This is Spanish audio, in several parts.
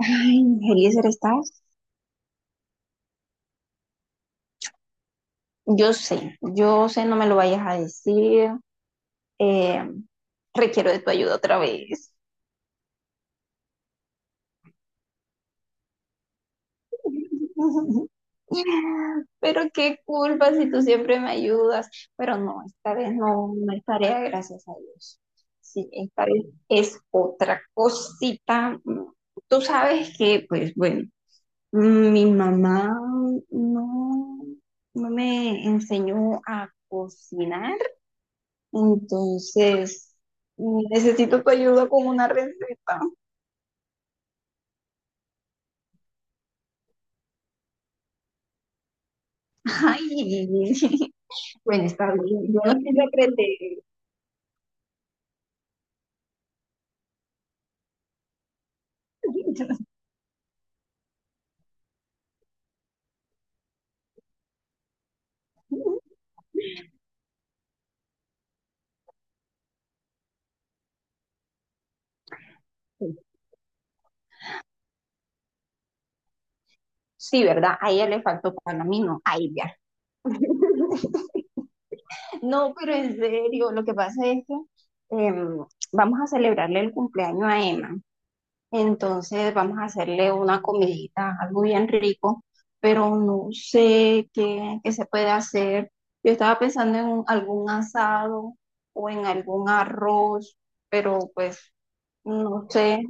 Ay, Eliezer, ¿estás? Yo sé, no me lo vayas a decir. Eh, Requiero de tu ayuda otra vez. Pero qué culpa si tú siempre me ayudas. Pero no, esta vez no, no es tarea, gracias a Dios. Sí, esta vez es otra cosita. Tú sabes que, pues bueno, mi mamá no, no me enseñó a cocinar. Entonces, necesito tu ayuda con una receta. Ay, bueno, está bien. Yo no sé secretería. Sí, ¿verdad? A ella le faltó pan, a mí no, a ella. No, pero en serio, lo que pasa es que em, vamos a celebrarle el cumpleaños a Emma. Entonces vamos a hacerle una comidita, algo bien rico, pero no sé qué se puede hacer. Yo estaba pensando en algún asado o en algún arroz, pero pues no sé.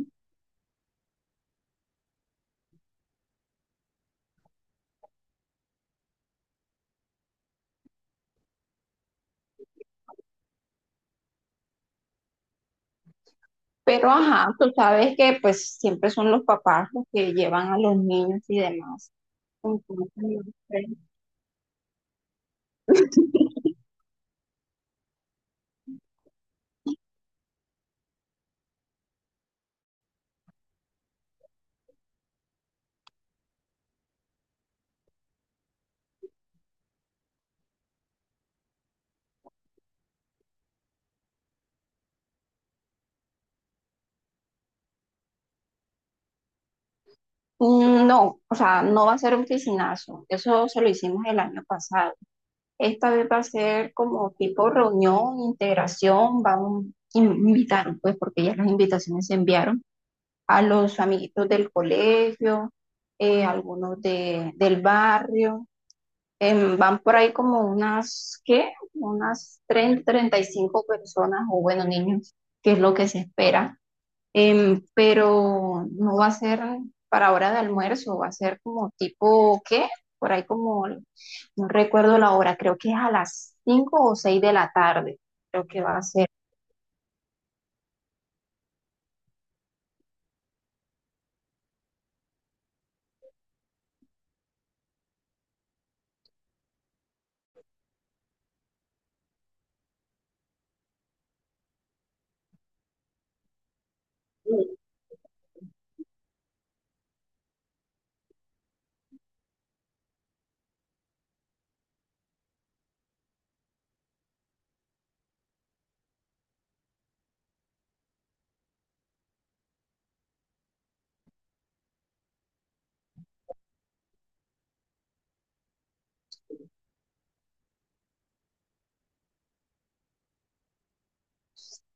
Pero ajá, tú sabes que pues siempre son los papás los que llevan a los niños y demás. Entonces, no sé. Mm, no, o sea, no va a ser un piscinazo. Eso se lo hicimos el año pasado. Esta vez va a ser como tipo reunión, integración, vamos a invitar, pues porque ya las invitaciones se enviaron a los amiguitos del colegio, algunos del barrio. Van por ahí como unas, ¿qué? Unas 30 35 personas o bueno, niños, que es lo que se espera. Pero no va a ser para hora de almuerzo, va a ser como tipo, ¿qué? Por ahí como, no recuerdo la hora, creo que es a las 5 o 6 de la tarde, creo que va a ser.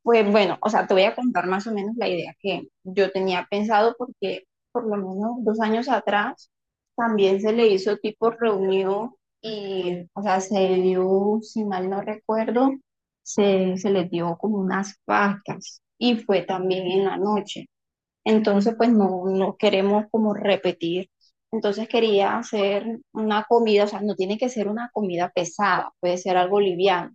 Pues bueno, o sea, te voy a contar más o menos la idea que yo tenía pensado porque por lo menos 2 años atrás también se le hizo tipo reunión y, o sea, se dio, si mal no recuerdo, se les dio como unas pastas y fue también en la noche. Entonces, pues no, no queremos como repetir. Entonces quería hacer una comida, o sea, no tiene que ser una comida pesada, puede ser algo liviano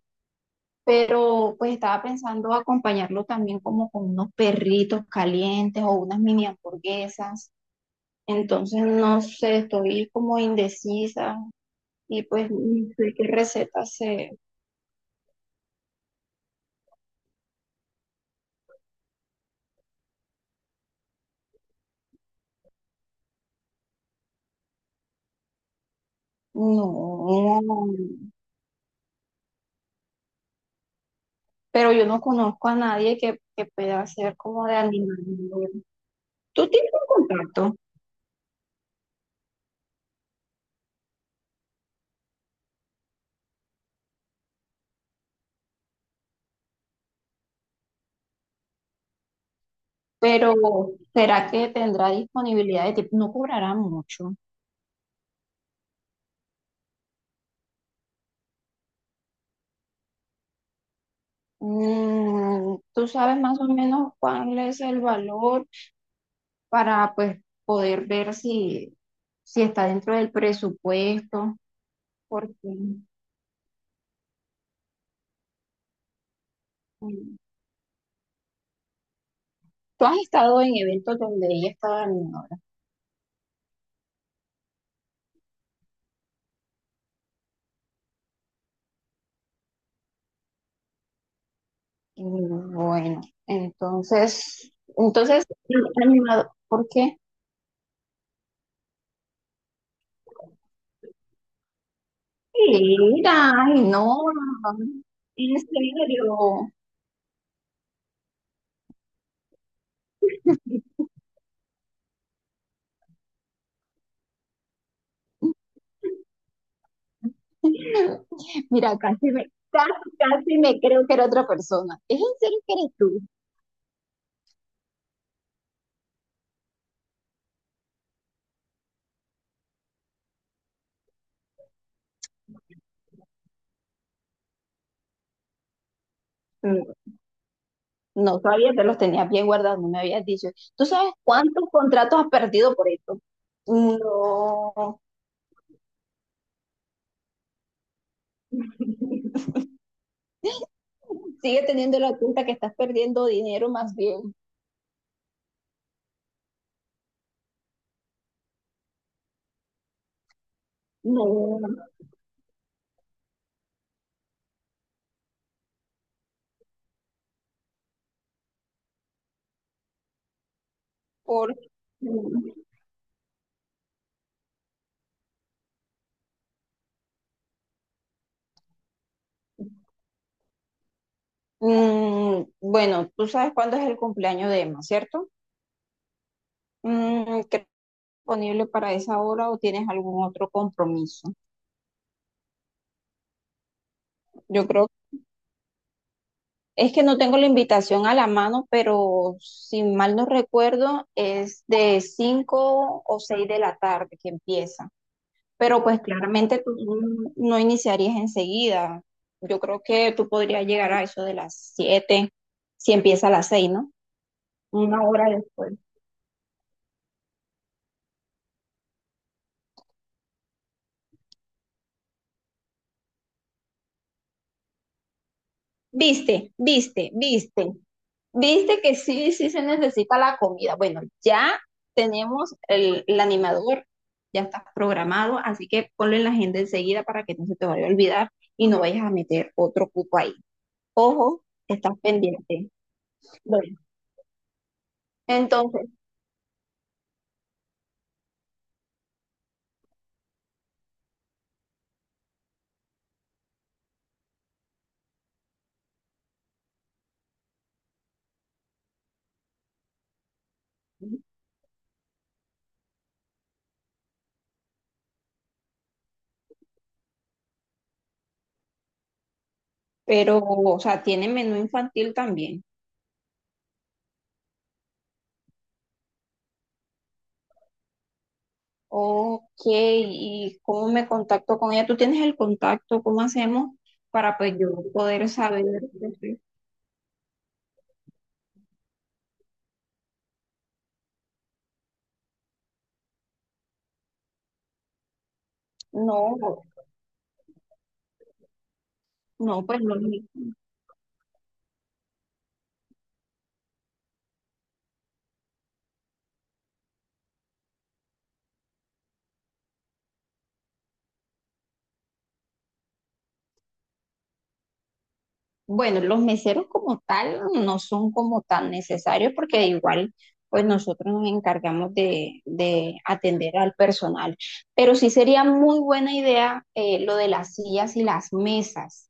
pero pues estaba pensando acompañarlo también como con unos perritos calientes o unas mini hamburguesas. Entonces, no sé, estoy como indecisa y pues no sé qué receta se... No, pero yo no conozco a nadie que pueda hacer como de animal. Tú tienes un contacto, pero ¿será que tendrá disponibilidad de tipo No cobrará mucho. ¿Tú sabes más o menos cuál es el valor? Para pues poder ver si está dentro del presupuesto, porque mm, tú has estado en eventos donde ella estaba animadora. Bueno, entonces, entonces, animador, ¿por qué? Mira, ay, no, en serio. Mira, casi me, casi, casi me creo que era otra persona. ¿Es en serio que eres tú? Mm. No sabía que los tenías bien guardados, no me habías dicho. ¿Tú sabes cuántos contratos has perdido por esto? No. Sigue teniendo la cuenta que estás perdiendo dinero más bien. No, por... Bueno, tú sabes cuándo es el cumpleaños de Emma, ¿cierto? Mm, ¿qué- Disponible para esa hora o tienes algún otro compromiso? Yo creo. Es que no tengo la invitación a la mano, pero si mal no recuerdo, es de 5 o 6 de la tarde que empieza. Pero pues claramente tú no iniciarías enseguida. Yo creo que tú podrías llegar a eso de las 7 si empieza a las 6, ¿no? Una hora después. Viste, viste, viste. Viste que sí, sí se necesita la comida. Bueno, ya tenemos el animador, ya está programado, así que ponlo en la agenda enseguida para que no se te vaya a olvidar y no vayas a meter otro cupo ahí. Ojo, estás pendiente. Bueno, entonces, pero, o sea, tiene menú infantil también. Ok, ¿y cómo me contacto con ella? ¿Tú tienes el contacto? ¿Cómo hacemos para pues yo poder saber? No, no, pues no. Bueno, los meseros como tal no son como tan necesarios porque igual pues nosotros nos encargamos de atender al personal. Pero sí sería muy buena idea lo de las sillas y las mesas.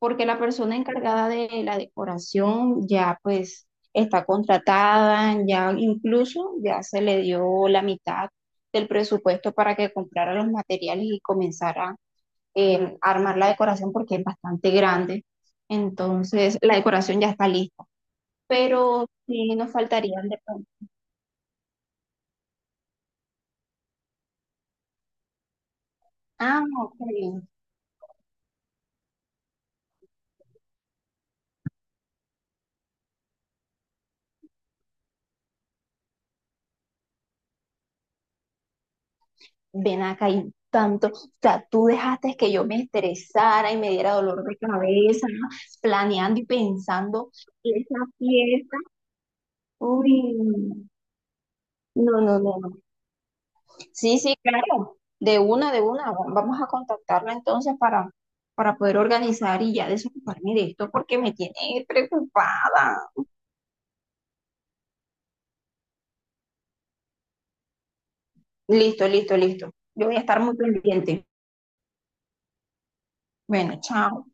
Porque la persona encargada de la decoración ya pues está contratada, ya incluso ya se le dio la mitad del presupuesto para que comprara los materiales y comenzara a armar la decoración porque es bastante grande. Entonces la decoración ya está lista, pero sí nos faltarían de pronto. Ah, ok, ven acá y tanto, o sea, tú dejaste que yo me estresara y me diera dolor de cabeza, ¿no? Planeando y pensando esa fiesta. Uy, no, no, no, no. Sí, sí, claro, de una, de una. Vamos a contactarla entonces para poder organizar y ya desocuparme de esto porque me tiene preocupada. Listo, listo, listo. Yo voy a estar muy pendiente. Bueno, chao.